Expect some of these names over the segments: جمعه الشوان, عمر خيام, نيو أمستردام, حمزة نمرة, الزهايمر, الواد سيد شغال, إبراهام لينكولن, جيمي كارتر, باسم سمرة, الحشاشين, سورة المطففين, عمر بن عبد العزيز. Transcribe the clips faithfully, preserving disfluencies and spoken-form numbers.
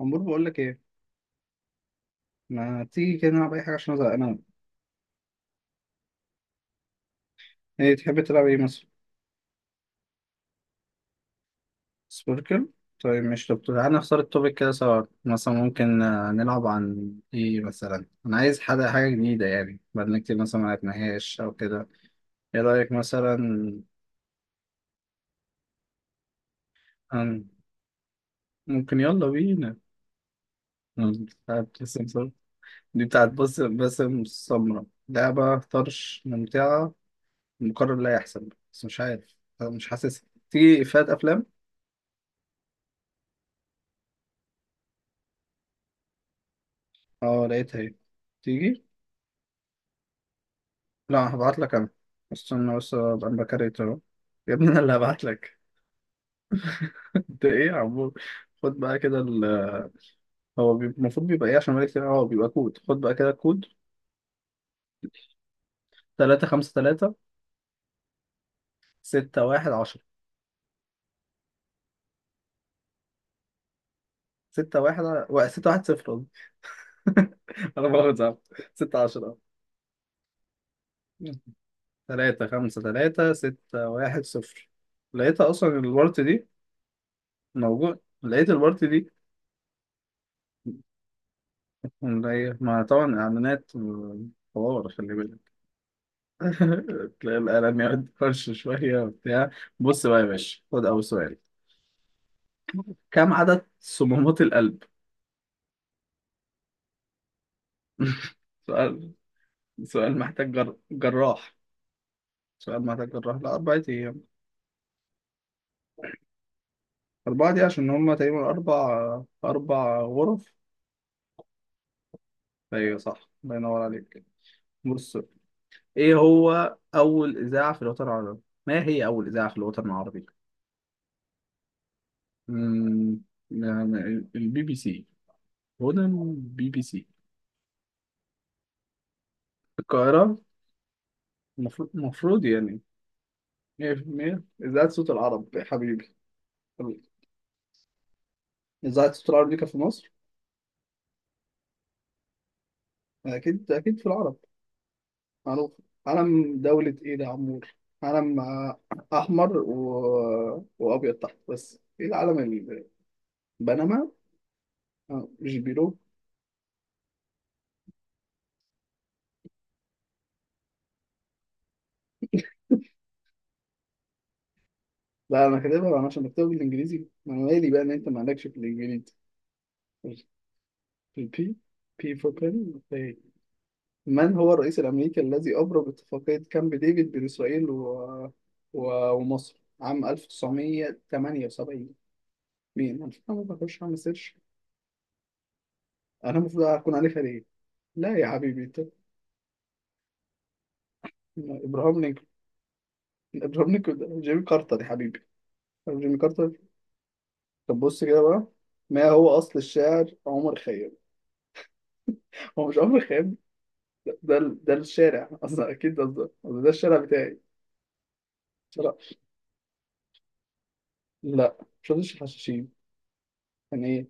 عمور، بقول لك ايه؟ ما تيجي كده نلعب اي حاجه عشان ازهق انا؟ ايه تحب تلعب ايه مثلا؟ سبوركل. طيب مش طب تعالى نختار التوبيك كده سوا، مثلا ممكن آه، نلعب عن ايه مثلا؟ انا عايز حاجه حاجه جديده، يعني بقالنا كتير مثلا ما لعبناهاش او كده. ايه رايك مثلا؟ عن- ممكن، يلا بينا. مم، بتاعت باسم سمرة. دي بتاعت باسم باسم سمرة، لعبة طرش ممتعة. مقرر لا يحسب بس مش عارف. أنا مش حاسسها، تيجي إفيهات أفلام؟ اه، لقيتها اهي. تيجي. لا، هبعت لك انا. استنى بس ابقى بكريت اهو. يا ابني انا اللي هبعت لك. انت ايه يا عمو؟ خد بقى كده ال... هو بي- المفروض بيبقى ايه عشان مالك كتير. هو بيبقى كود، خد بقى كده كود. تلاتة خمسة ثلاثة ستة واحد عشرة ستة واحد و- ستة واحد صفر قصدي. انا باخد صعب. ستة عشرة تلاتة خمسة ثلاثة ستة واحد صفر. لقيتها اصلا، الورت دي موجود. لقيت الورت دي اللي هي- ما طبعا اعلانات و- حوار، خلي بالك. تلاقي القلم يقعد فرش شوية وبتاع. بص بقى يا باشا، خد أول سؤال. كم عدد صمامات القلب؟ سؤال. سؤال محتاج جر... جراح. سؤال محتاج جراح، لا أربعة أيام. أربعة دي عشان هما تقريبا أربع أربع غرف. أيوة صح، الله ينور عليك. بص. إيه هو أول إذاعة في الوطن العربي؟ ما هي أول إذاعة في الوطن العربي؟ أمم، يعني البي بي سي. هدى البي بي سي. القاهرة. المفروض المفروض يعني مية في المية إذاعة صوت العرب يا حبيبي. إذاعة صوت العرب دي كانت في مصر. أكيد أكيد في العرب. معروف. علم دولة إيه ده يا عمور؟ علم آه، أحمر و... وأبيض تحت، بس إيه العلم ال- بنما؟ آه، مش بيرو. لا، أنا كاتبها أنا، عشان بكتبها بالإنجليزي. ما أنا مالي بقى إن أنت مالكش في الإنجليزي. البي. بي فور بن. من هو الرئيس الأمريكي الذي أبرم اتفاقية كامب ديفيد بين إسرائيل و... و... ومصر عام ألف وتسعمائة وثمانية وسبعين؟ مين؟ أنا ما بخش أعمل سيرش. أنا المفروض أكون عارفها ليه؟ لا يا حبيبي، طب. ما إبراهام لينكولن. إبراهام لينكولن ده جيمي كارتر يا حبيبي. طب جيمي كارتر. طب بص كده بقى. ما هو أصل الشاعر عمر خيام؟ هو مش عمر خيام. ده ده, ال- ده الشارع أصلا، أكيد ده ده, ده الشارع بتاعي. شارع. لا، مش قصدي الحشاشين. كان إيه؟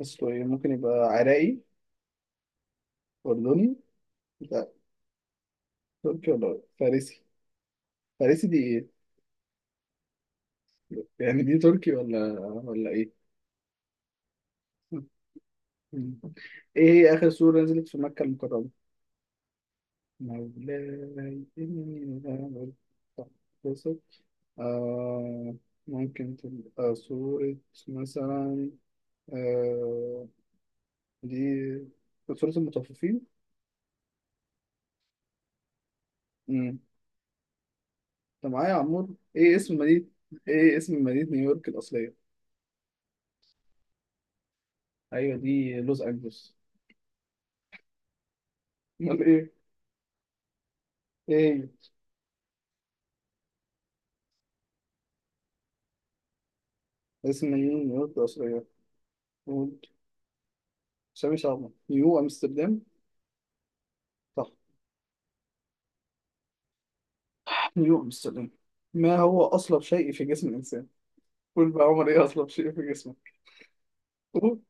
أصله إيه؟ ممكن يبقى عراقي. أردني. لا. تركي ولا فارسي. فارسي دي إيه؟ يعني دي تركي ولا ولا إيه؟ مم. ايه هي اخر سورة نزلت في مكة المكرمة؟ مولاي إني لا أتبسط. آه. ممكن تبقى سورة مثلا. آه. دي سورة المطففين. مم. انت معايا يا عمور؟ ايه اسم مدينة ايه اسم مدينة نيويورك الأصلية؟ ايوه، دي لوس أنجلوس. امال ايه؟ ايه هي؟ اسم مدينة نيويورك الأصلية. قول. سامي شعبان، نيو أمستردام. صح. نيوتن السلام. ما هو أصلب شيء في جسم الإنسان؟ قول بقى يا عمر، إيه أصلب شيء في جسمك؟ قول.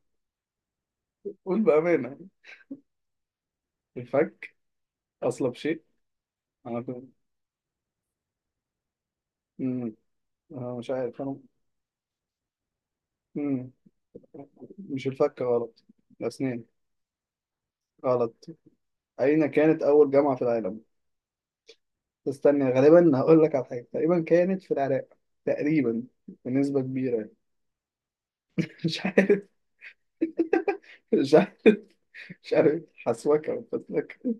قول بأمانة. الفك. أصلب شيء. أنا فاهم. أمم، أنا مش عارف أنا. أمم، مش الفك غلط. الأسنان. غلط. أين كانت أول جامعة في العالم؟ استنى، غالبا هقول لك على حاجة، تقريبا كانت في العراق. تقريبا. بنسبة كبيرة يعني. مش عارف. مش عارف. مش عارف حسوكة ولا فتلكة.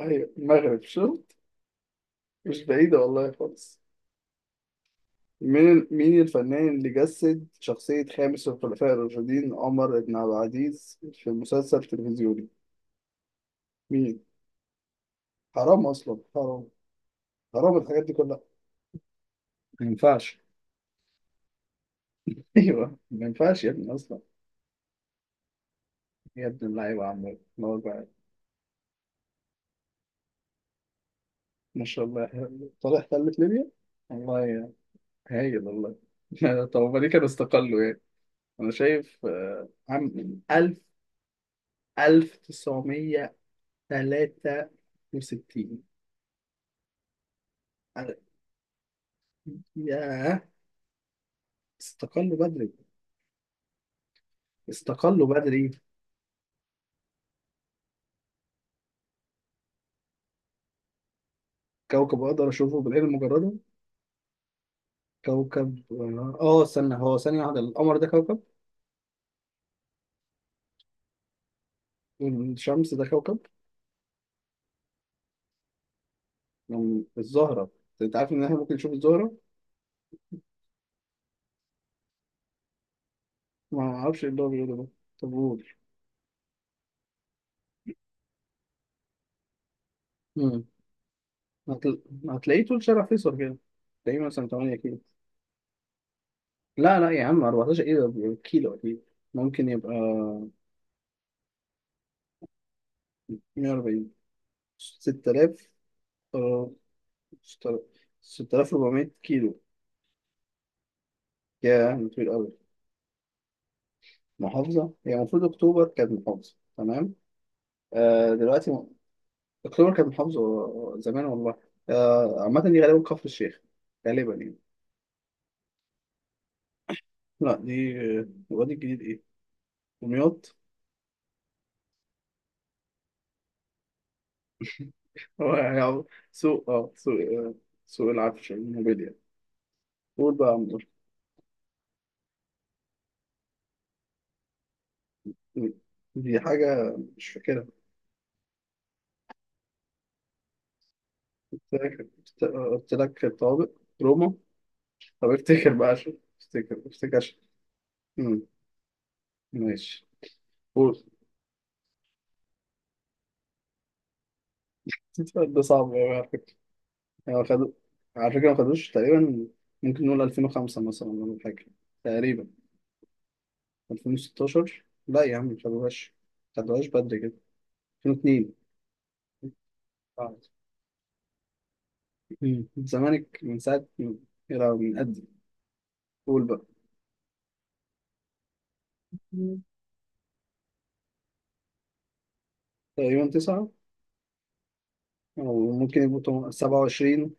أيوة المغرب، شفت. مش بعيدة والله خالص. مين مين الفنان اللي جسد شخصية خامس الخلفاء الراشدين عمر بن عبد العزيز في مسلسل تلفزيوني؟ مين؟ حرام أصلا، حرام. حرام الحاجات دي كلها. ما ينفعش. أيوه، ما ينفعش يا ابني أصلا. يا ابن اللعيبة يا عم، نور بقى. ما شاء الله يا حبيبي. طالع تلت ليبيا؟ والله يا. هايل والله. طب هما ليه كانوا استقلوا يعني؟ أنا شايف آه، عام ألف. ألف وتسعمية وتلاتة وستين. ياه، استقلوا بدري. استقلوا بدري. كوكب اقدر اشوفه بالعين المجرده. كوكب اه آه، استنى، هو ثانيه واحده، القمر ده كوكب؟ والشمس ده كوكب؟ أم، الزهره. انت عارف ان احنا ممكن نشوف الزهره. ما اعرفش ايه اللي هو بيقوله ده. طب قول. أمم، هتل... هتلاقيه طول شارع فيصل كده. تلاقيه مثلا تمانية كيلو. لا لا يا عم، أربعتاشر ايه؟ ده كيلو اكيد. ممكن يبقى مية وأربعين. ست آلاف. آه، ست آلاف. ستة آلاف وأربعمية كيلو. يا طويل قوي. محافظة، هي المفروض أكتوبر كانت محافظة تمام. آه دلوقتي م... أكتوبر كانت محافظة و- و- زمان والله. آه عامة دي غالبا كفر الشيخ. غالبا يعني. لا، دي آه، الوادي الجديد إيه. دمياط. هو يعني سوق اه سوق آه، سوق العفش، الموبيليا. قول بقى يا عمور. دي حاجة مش فاكرها. قلت لك. قلت لك الطوابق. روما. طب افتكر بقى، عشان افتكر افتكر عشان. مم، ماشي. قول. ده صعب أوي على فكرة. هو خدوا، على فكرة ما خدوش تقريبا. ممكن نقول ألفين وخمسة مثلا، ولا حاجة. تقريبا. ألفين وستاشر لا يا عم، ما خدوهاش. ما خدوهاش بدري كده. ألفين واتنين. آه. مم. الزمالك من ساعة. يلا من قد. قول بقى. مم. تقريبا تسعة. أو ممكن يبقوا تم- سبعة وعشرين.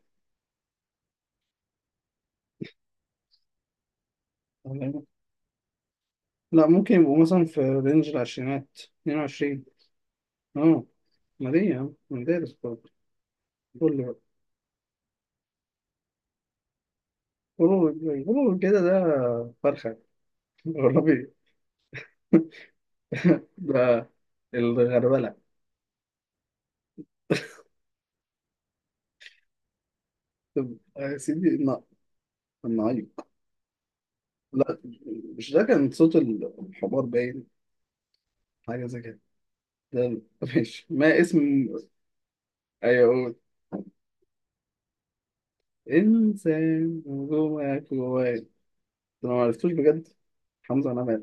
لا، ممكن يبقوا مثلا في رينج العشرينات، اتنين وعشرين. اه. ما ليه يا عم، مدارس برضه. قول لي بقى. قولوا. قولوا كده، ده فرخة. والله. ده الغربلة. طب يا سيدي الن- النعيق. لا، مش ده كان صوت الحمار باين. حاجة زي كده. ده ماشي. ما اسم. أيوة قول. إنسان جوه جواه. أنا ما عرفتوش بجد. حمزة نمرة.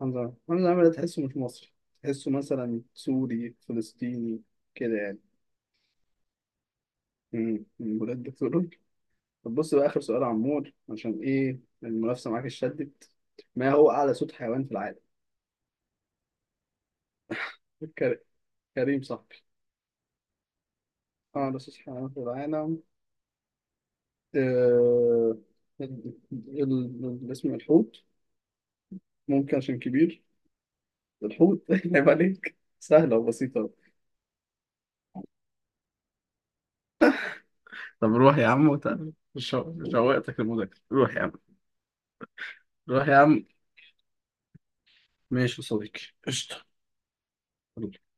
حمزة نمرة حمزة نمرة، تحسه مش مصري. تحسه مثلا سوري فلسطيني، كده يعني. مم، من بلاد بتقول. طب بص بقى آخر سؤال يا عمور، عشان إيه المنافسة معاك اتشدت. ما هو أعلى صوت حيوان في العالم؟ كريم صاحبي. أعلى أساس حيوانات العالم. آه، ال- ال- الاسم الحوت. ممكن عشان كبير. الحوت. عيب عليك، سهلة وبسيطة. طب روح يا عم وتعالى. شو- شوقتك المذاكرة، روح يا عم. روح يا عم. ماشي يا صديقي. قشطة.